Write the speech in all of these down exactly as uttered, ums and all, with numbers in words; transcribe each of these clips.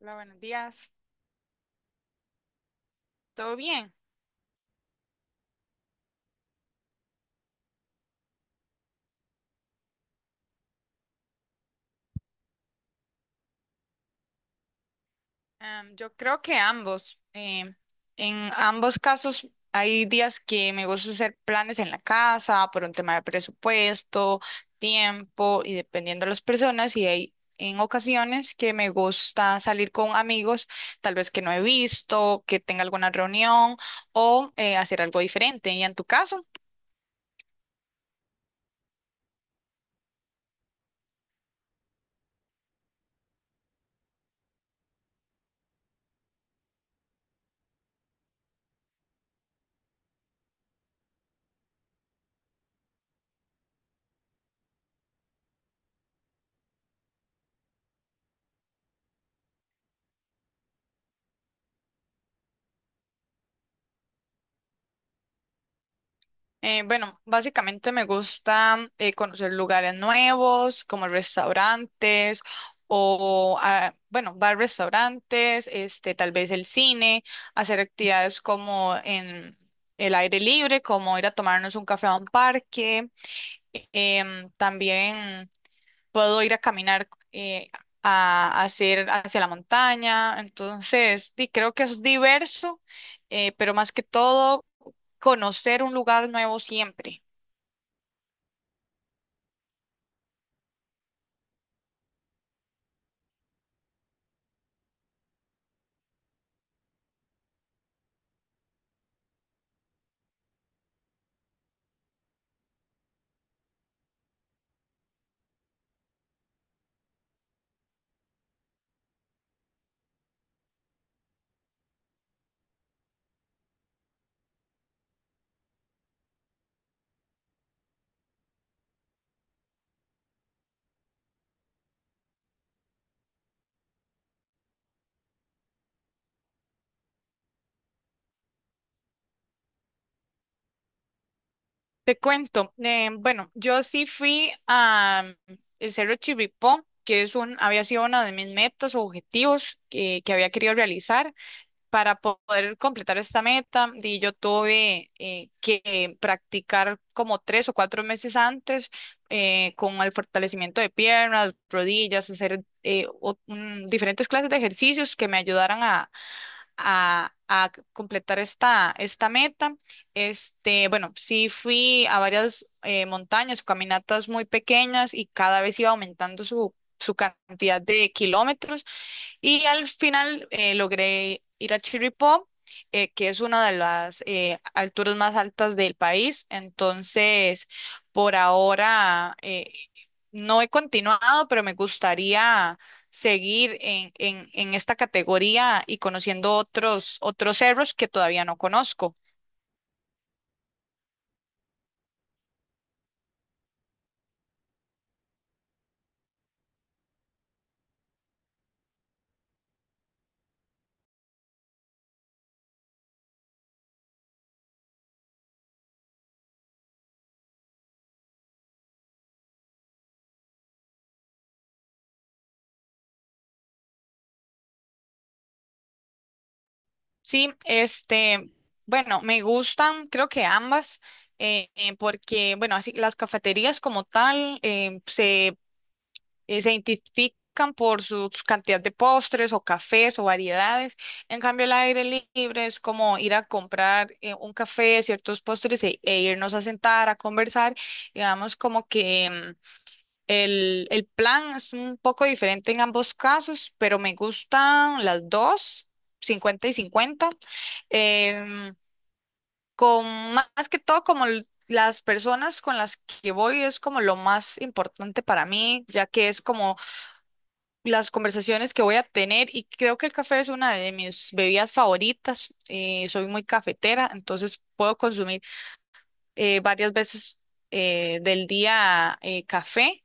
Hola, buenos días. ¿Todo bien? Am, yo creo que ambos. em, en ambos casos hay días que me gusta hacer planes en la casa por un tema de presupuesto, tiempo y dependiendo de las personas. Y hay en ocasiones que me gusta salir con amigos, tal vez que no he visto, que tenga alguna reunión o eh, hacer algo diferente. ¿Y en tu caso? Eh, bueno, básicamente me gusta eh, conocer lugares nuevos, como restaurantes o, ah, bueno, bar restaurantes, este, tal vez el cine, hacer actividades como en el aire libre, como ir a tomarnos un café a un parque. Em, también puedo ir a caminar eh, a hacer hacia la montaña. Entonces, sí, creo que es diverso, eh, pero más que todo, conocer un lugar nuevo siempre. Te cuento, eh, bueno, yo sí fui a mm, el Cerro Chirripó, que es un, había sido una de mis metas o objetivos que, que había querido realizar para po- poder completar esta meta. Y yo tuve eh, que practicar como tres o cuatro meses antes, eh, con el fortalecimiento de piernas, rodillas, hacer eh, o- mm, diferentes clases de ejercicios que me ayudaran a, a completar esta, esta meta. Este, bueno, sí fui a varias eh, montañas, caminatas muy pequeñas y cada vez iba aumentando su, su cantidad de kilómetros. Y al final eh, logré ir a Chirripó, eh, que es una de las eh, alturas más altas del país. Entonces, por ahora eh, no he continuado, pero me gustaría seguir en, en, en esta categoría y conociendo otros, otros cerros que todavía no conozco. Sí, este, bueno, me gustan, creo que ambas. eh, eh, porque, bueno, así las cafeterías como tal eh, se eh, se identifican por su cantidad de postres o cafés o variedades. En cambio, el aire libre es como ir a comprar eh, un café, ciertos postres e, e irnos a sentar, a conversar. Digamos como que mm, el, el plan es un poco diferente en ambos casos, pero me gustan las dos, cincuenta y cincuenta. em, con ma- más que todo como l- las personas con las que voy es como lo más importante para mí, ya que es como las conversaciones que voy a tener y creo que el café es una de mis bebidas favoritas. eh, soy muy cafetera, entonces puedo consumir eh, varias veces eh, del día eh, café.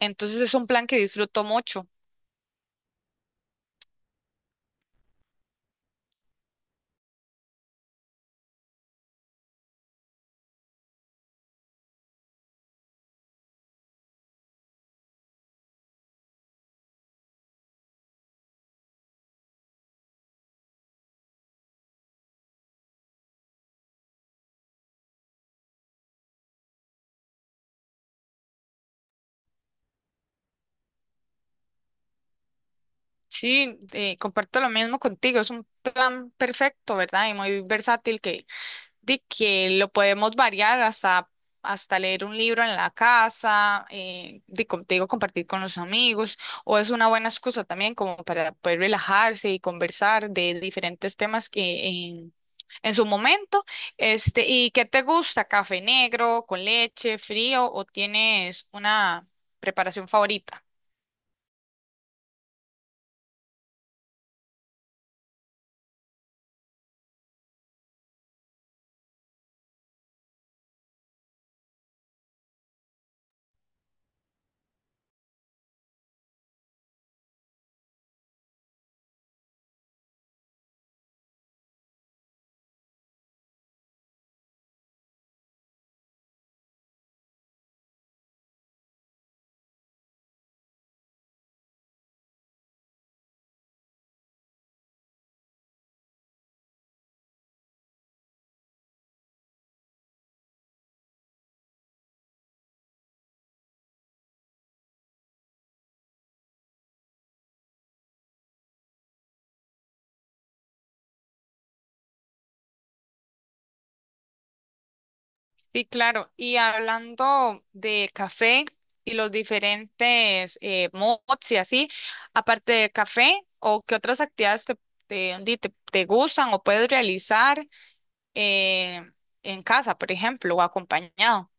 Entonces es un plan que disfruto mucho. Sí, eh, comparto lo mismo contigo. Es un plan perfecto, ¿verdad? Y muy versátil que de que lo podemos variar hasta, hasta leer un libro en la casa, eh, de, como te digo, compartir con los amigos, o es una buena excusa también como para poder relajarse y conversar de diferentes temas que en, en su momento. Este, ¿y qué te gusta? ¿Café negro, con leche, frío o tienes una preparación favorita? Sí, claro. Y hablando de café y los diferentes eh, mods y así, aparte del café, ¿o qué otras actividades te, te, di- te- te gustan o puedes realizar eh, en casa, por ejemplo, o acompañado?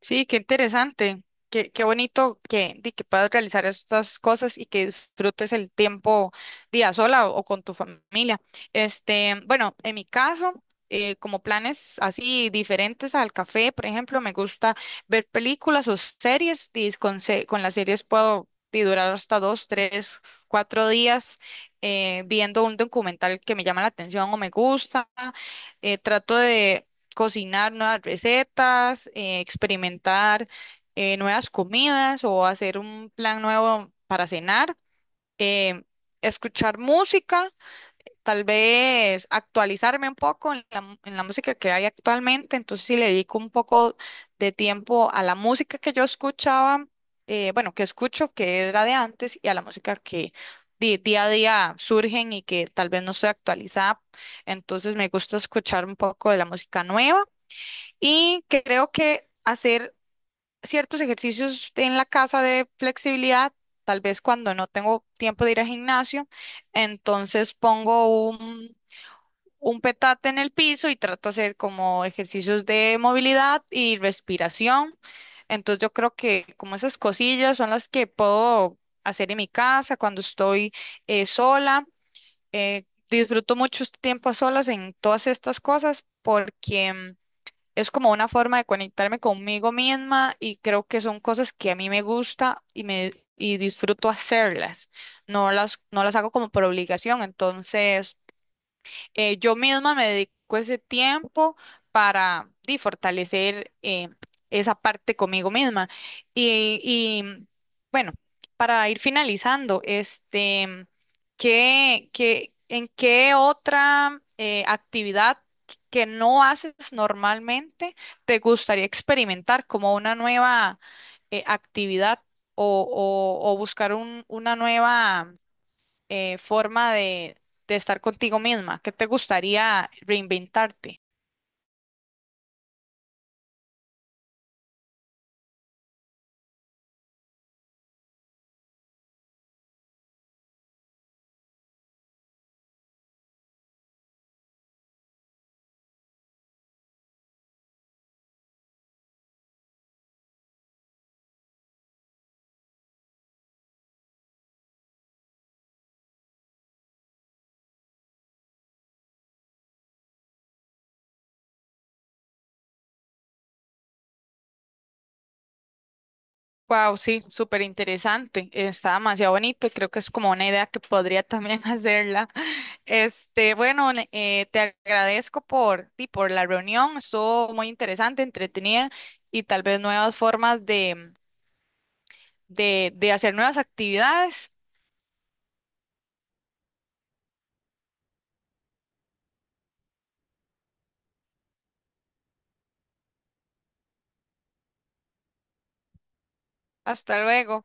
Sí, qué interesante, qué, qué bonito que, di que puedas realizar estas cosas y que disfrutes el tiempo día sola o, o con tu familia. Este, bueno, en mi caso, eh, como planes así diferentes al café, por ejemplo, me gusta ver películas o series, y con, se- con las series puedo di, durar hasta dos, tres, cuatro días, eh, viendo un documental que me llama la atención o me gusta eh, trato de cocinar nuevas recetas, eh, experimentar eh, nuevas comidas o hacer un plan nuevo para cenar, eh, escuchar música. Tal vez actualizarme un poco en la, en la música que hay actualmente, entonces si le dedico un poco de tiempo a la música que yo escuchaba, eh, bueno, que escucho, que era de antes, y a la música que di- día a día surgen y que tal vez no estoy actualizada, entonces me gusta escuchar un poco de la música nueva y creo que hacer ciertos ejercicios en la casa de flexibilidad, tal vez cuando no tengo tiempo de ir al gimnasio, entonces pongo un un petate en el piso y trato de hacer como ejercicios de movilidad y respiración. Entonces yo creo que como esas cosillas son las que puedo hacer en mi casa cuando estoy eh, sola. Eh, disfruto mucho este tiempo a solas en todas estas cosas porque mm, es como una forma de conectarme conmigo misma y creo que son cosas que a mí me gusta y me y disfruto hacerlas. No las, no las hago como por obligación. Entonces, eh, yo misma me dedico ese tiempo para di, fortalecer eh, esa parte conmigo misma. Y, y, bueno, para ir finalizando, este, ¿qué, qué- en qué otra eh, actividad que no haces normalmente te gustaría experimentar como una nueva eh, actividad o, o- o buscar un- una nueva eh, forma de, de estar contigo misma? ¿Qué te gustaría reinventarte? Wow, sí, súper interesante. Está demasiado bonito y creo que es como una idea que podría también hacerla. Este, bueno, le- eh, te agradezco por ti, por la reunión. Estuvo muy interesante, entretenida y tal vez nuevas formas de, de, de hacer nuevas actividades. Hasta luego.